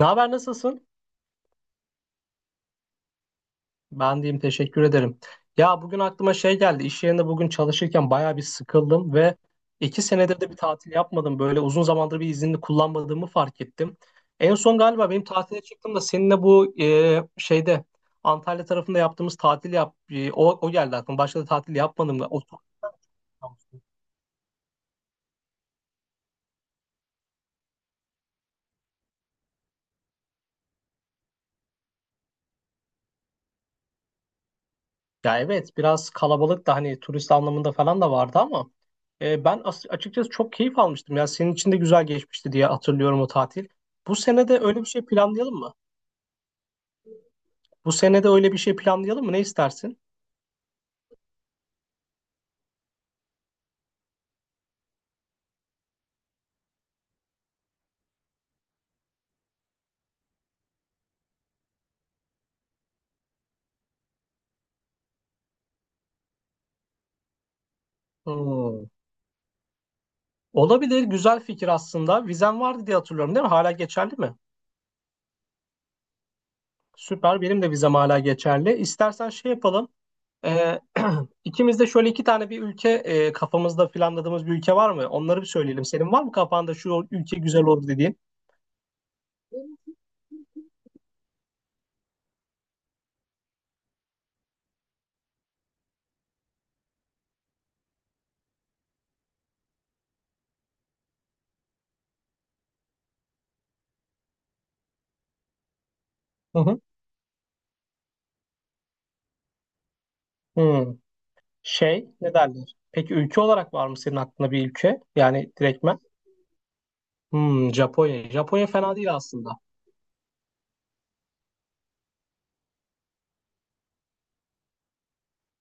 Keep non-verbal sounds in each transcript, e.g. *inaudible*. Ne haber nasılsın? Ben diyeyim teşekkür ederim. Ya bugün aklıma şey geldi. İş yerinde bugün çalışırken bayağı bir sıkıldım ve 2 senedir de bir tatil yapmadım. Böyle uzun zamandır bir iznini kullanmadığımı fark ettim. En son galiba benim tatile çıktım da seninle bu şeyde Antalya tarafında yaptığımız tatil o geldi aklıma. Başka da tatil yapmadım da. O, Ya evet biraz kalabalık da hani turist anlamında falan da vardı ama açıkçası çok keyif almıştım. Ya senin için de güzel geçmişti diye hatırlıyorum o tatil. Bu sene de öyle bir şey planlayalım mı? Bu sene de öyle bir şey planlayalım mı? Ne istersin? Hmm. Olabilir. Güzel fikir aslında. Vizem vardı diye hatırlıyorum, değil mi? Hala geçerli mi? Süper. Benim de vizem hala geçerli. İstersen şey yapalım. Ee, *clears throat* ikimiz de şöyle iki tane bir ülke, kafamızda planladığımız bir ülke var mı? Onları bir söyleyelim. Senin var mı kafanda şu ülke güzel olur dediğin? Hı hı. Hmm. Şey ne derler? Peki ülke olarak var mı senin aklında bir ülke? Yani direktmen. Hmm, Japonya. Japonya fena değil aslında.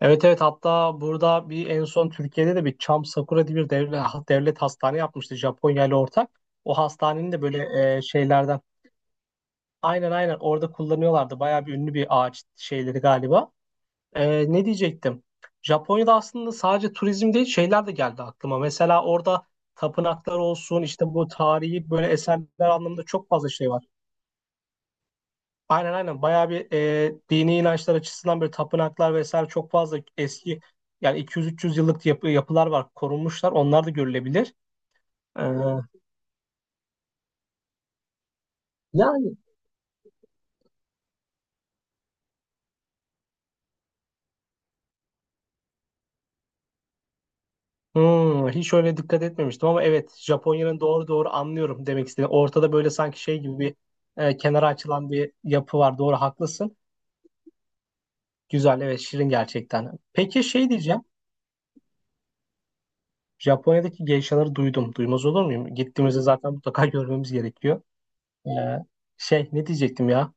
Evet evet, hatta burada bir en son Türkiye'de de bir Çam Sakura diye bir devlet hastane yapmıştı Japonya ile ortak. O hastanenin de böyle şeylerden aynen aynen orada kullanıyorlardı. Bayağı bir ünlü bir ağaç şeyleri galiba. Ne diyecektim? Japonya'da aslında sadece turizm değil şeyler de geldi aklıma. Mesela orada tapınaklar olsun işte bu tarihi böyle eserler anlamında çok fazla şey var. Aynen aynen, bayağı bir dini inançlar açısından böyle tapınaklar vesaire çok fazla eski, yani 200-300 yıllık yapılar var, korunmuşlar, onlar da görülebilir. Ee, yani hiç öyle dikkat etmemiştim ama evet, Japonya'nın, doğru doğru, anlıyorum demek istediğini. Ortada böyle sanki şey gibi bir kenara açılan bir yapı var, doğru haklısın. Güzel, evet şirin gerçekten. Peki şey diyeceğim, Japonya'daki geishaları duydum, duymaz olur muyum? Gittiğimizde zaten mutlaka *laughs* görmemiz gerekiyor. Ee, şey ne diyecektim ya?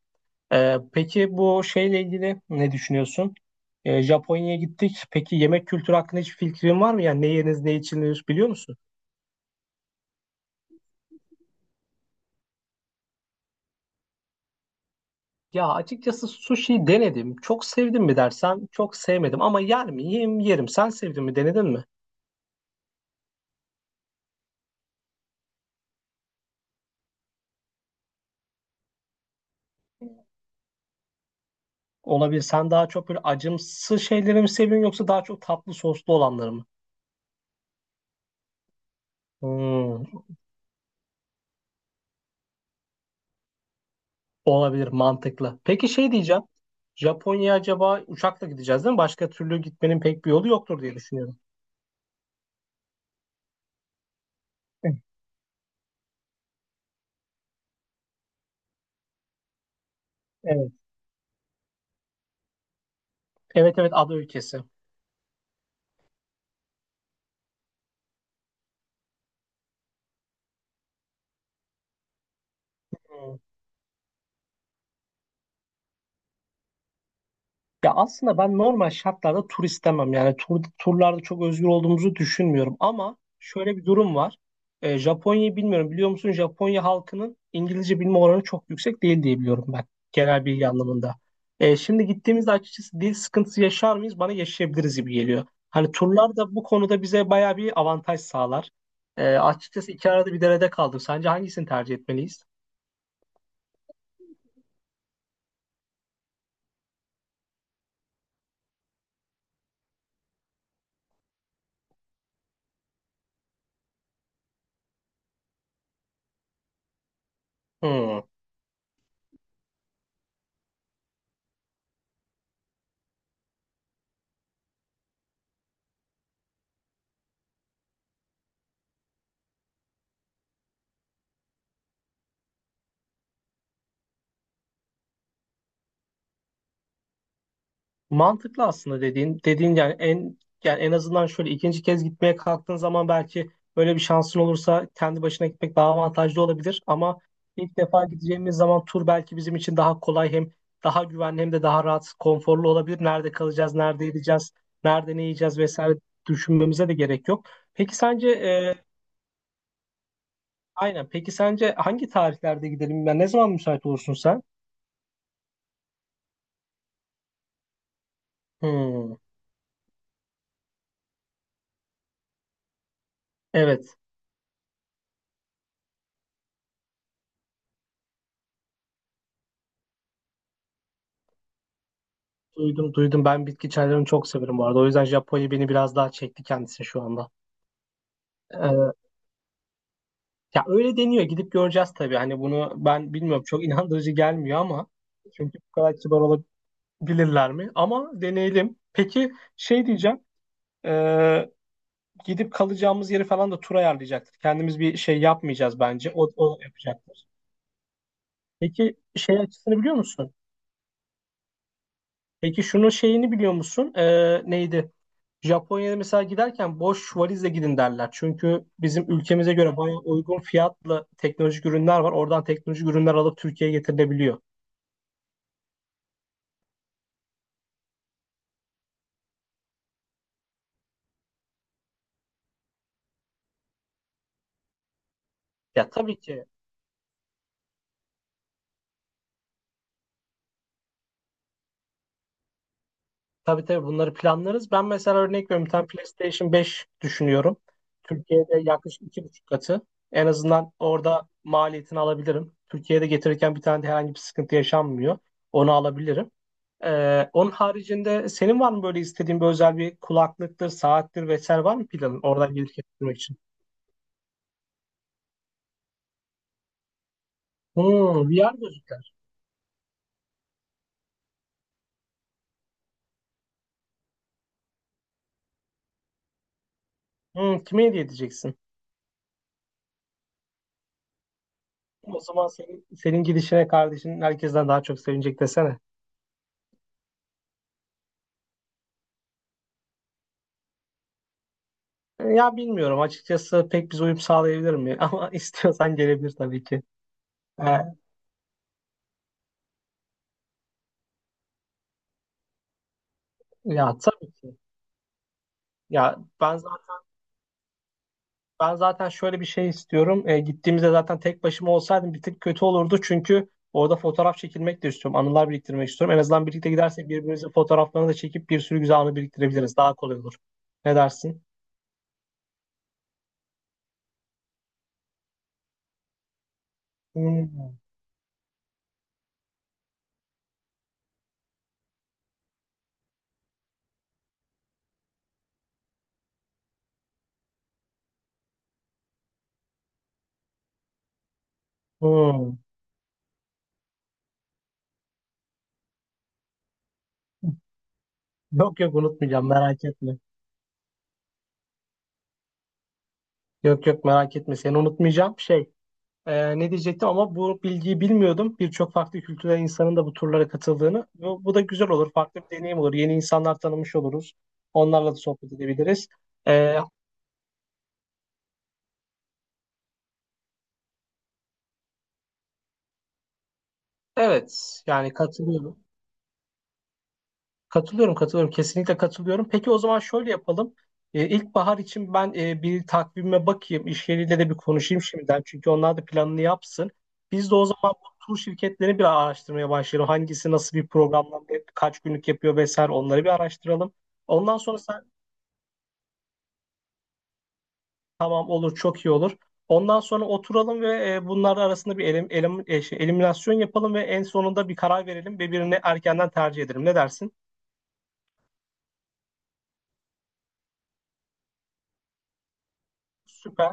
Peki bu şeyle ilgili ne düşünüyorsun? Japonya'ya gittik. Peki yemek kültürü hakkında hiçbir fikrin var mı? Yani ne yeniriz, ne içilir biliyor musun? Ya açıkçası sushi denedim. Çok sevdim mi dersen çok sevmedim ama yer miyim yerim. Sen sevdin mi, denedin mi? Olabilir. Sen daha çok böyle acımsı şeyleri mi seviyorsun yoksa daha çok tatlı soslu olanları mı? Hmm, olabilir, mantıklı. Peki şey diyeceğim. Japonya'ya acaba uçakla gideceğiz değil mi? Başka türlü gitmenin pek bir yolu yoktur diye düşünüyorum. Evet. Evet evet, ada ülkesi. Hmm. Ya aslında ben normal şartlarda tur istemem. Yani turlarda çok özgür olduğumuzu düşünmüyorum. Ama şöyle bir durum var. Japonya'yı bilmiyorum. Biliyor musun? Japonya halkının İngilizce bilme oranı çok yüksek değil diye biliyorum ben. Genel bilgi anlamında. Şimdi gittiğimizde açıkçası dil sıkıntısı yaşar mıyız? Bana yaşayabiliriz gibi geliyor. Hani turlar da bu konuda bize bayağı bir avantaj sağlar. Açıkçası iki arada bir derede kaldım. Sence hangisini tercih etmeliyiz? Hmm. Mantıklı aslında dediğin dediğin, yani en azından şöyle ikinci kez gitmeye kalktığın zaman belki böyle bir şansın olursa kendi başına gitmek daha avantajlı olabilir, ama ilk defa gideceğimiz zaman tur belki bizim için daha kolay, hem daha güvenli hem de daha rahat, konforlu olabilir. Nerede kalacağız, nerede yiyeceğiz, nerede ne yiyeceğiz vesaire düşünmemize de gerek yok. Peki sence, aynen, peki sence hangi tarihlerde gidelim? Yani ne zaman müsait olursun sen? Hmm, evet. Duydum duydum. Ben bitki çaylarını çok severim bu arada. O yüzden Japonya beni biraz daha çekti kendisi şu anda. Ee, ya öyle deniyor. Gidip göreceğiz tabii. Hani bunu ben bilmiyorum. Çok *laughs* inandırıcı gelmiyor ama çünkü bu kadar kibar olabilirler mi? Ama deneyelim. Peki şey diyeceğim. Ee, gidip kalacağımız yeri falan da tur ayarlayacaktır. Kendimiz bir şey yapmayacağız bence. O yapacaktır. Peki şey açısını biliyor musun? Peki şunun şeyini biliyor musun? Neydi? Japonya'ya mesela giderken boş valizle gidin derler. Çünkü bizim ülkemize göre bayağı uygun fiyatlı teknolojik ürünler var. Oradan teknolojik ürünler alıp Türkiye'ye getirilebiliyor. Ya tabii ki, tabii tabii, bunları planlarız. Ben mesela örnek veriyorum, bir tane PlayStation 5 düşünüyorum. Türkiye'de yaklaşık iki buçuk katı. En azından orada maliyetini alabilirim. Türkiye'de getirirken bir tane de herhangi bir sıkıntı yaşanmıyor. Onu alabilirim. Onun haricinde senin var mı böyle istediğin bir özel bir kulaklıktır, saattir vesaire, var mı planın oradan gelirken getirmek için? Hmm, VR gözlükler. Hmm, kime hediye edeceksin? O zaman senin gidişine kardeşin herkesten daha çok sevinecek desene. Ya bilmiyorum açıkçası pek biz uyum sağlayabilir mi? *laughs* Ama istiyorsan gelebilir tabii ki. E, ya tabii ki. Ya ben zaten şöyle bir şey istiyorum. Gittiğimizde zaten tek başıma olsaydım bir tık kötü olurdu. Çünkü orada fotoğraf çekilmek de istiyorum. Anılar biriktirmek istiyorum. En azından birlikte gidersek birbirimizin fotoğraflarını da çekip bir sürü güzel anı biriktirebiliriz. Daha kolay olur. Ne dersin? Hmm. Hmm. Yok yok, unutmayacağım, merak etme. Yok yok, merak etme, seni unutmayacağım. Şey, ne diyecektim, ama bu bilgiyi bilmiyordum. Birçok farklı kültürden insanın da bu turlara katıldığını. Bu da güzel olur. Farklı bir deneyim olur. Yeni insanlar tanımış oluruz. Onlarla da sohbet edebiliriz. E, evet yani katılıyorum. Katılıyorum, katılıyorum. Kesinlikle katılıyorum. Peki o zaman şöyle yapalım. İlkbahar için ben bir takvime bakayım. İş yeriyle de bir konuşayım şimdiden. Çünkü onlar da planını yapsın. Biz de o zaman bu tur şirketlerini bir araştırmaya başlayalım. Hangisi nasıl bir programla kaç günlük yapıyor vesaire onları bir araştıralım. Ondan sonra sen, tamam olur, çok iyi olur. Ondan sonra oturalım ve bunlar arasında bir eliminasyon yapalım ve en sonunda bir karar verelim ve birini erkenden tercih edelim. Ne dersin? Süper.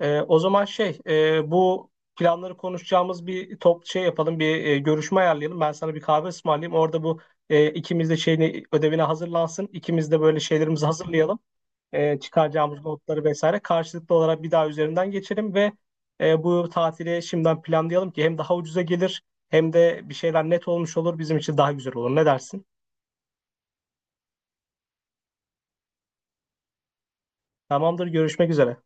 O zaman şey, bu planları konuşacağımız bir top şey yapalım, bir görüşme ayarlayalım. Ben sana bir kahve ısmarlayayım. Orada bu ikimiz de şeyini ödevine hazırlansın. İkimiz de böyle şeylerimizi hazırlayalım. Çıkaracağımız notları vesaire karşılıklı olarak bir daha üzerinden geçelim ve bu tatili şimdiden planlayalım ki hem daha ucuza gelir hem de bir şeyler net olmuş olur bizim için daha güzel olur. Ne dersin? Tamamdır, görüşmek üzere.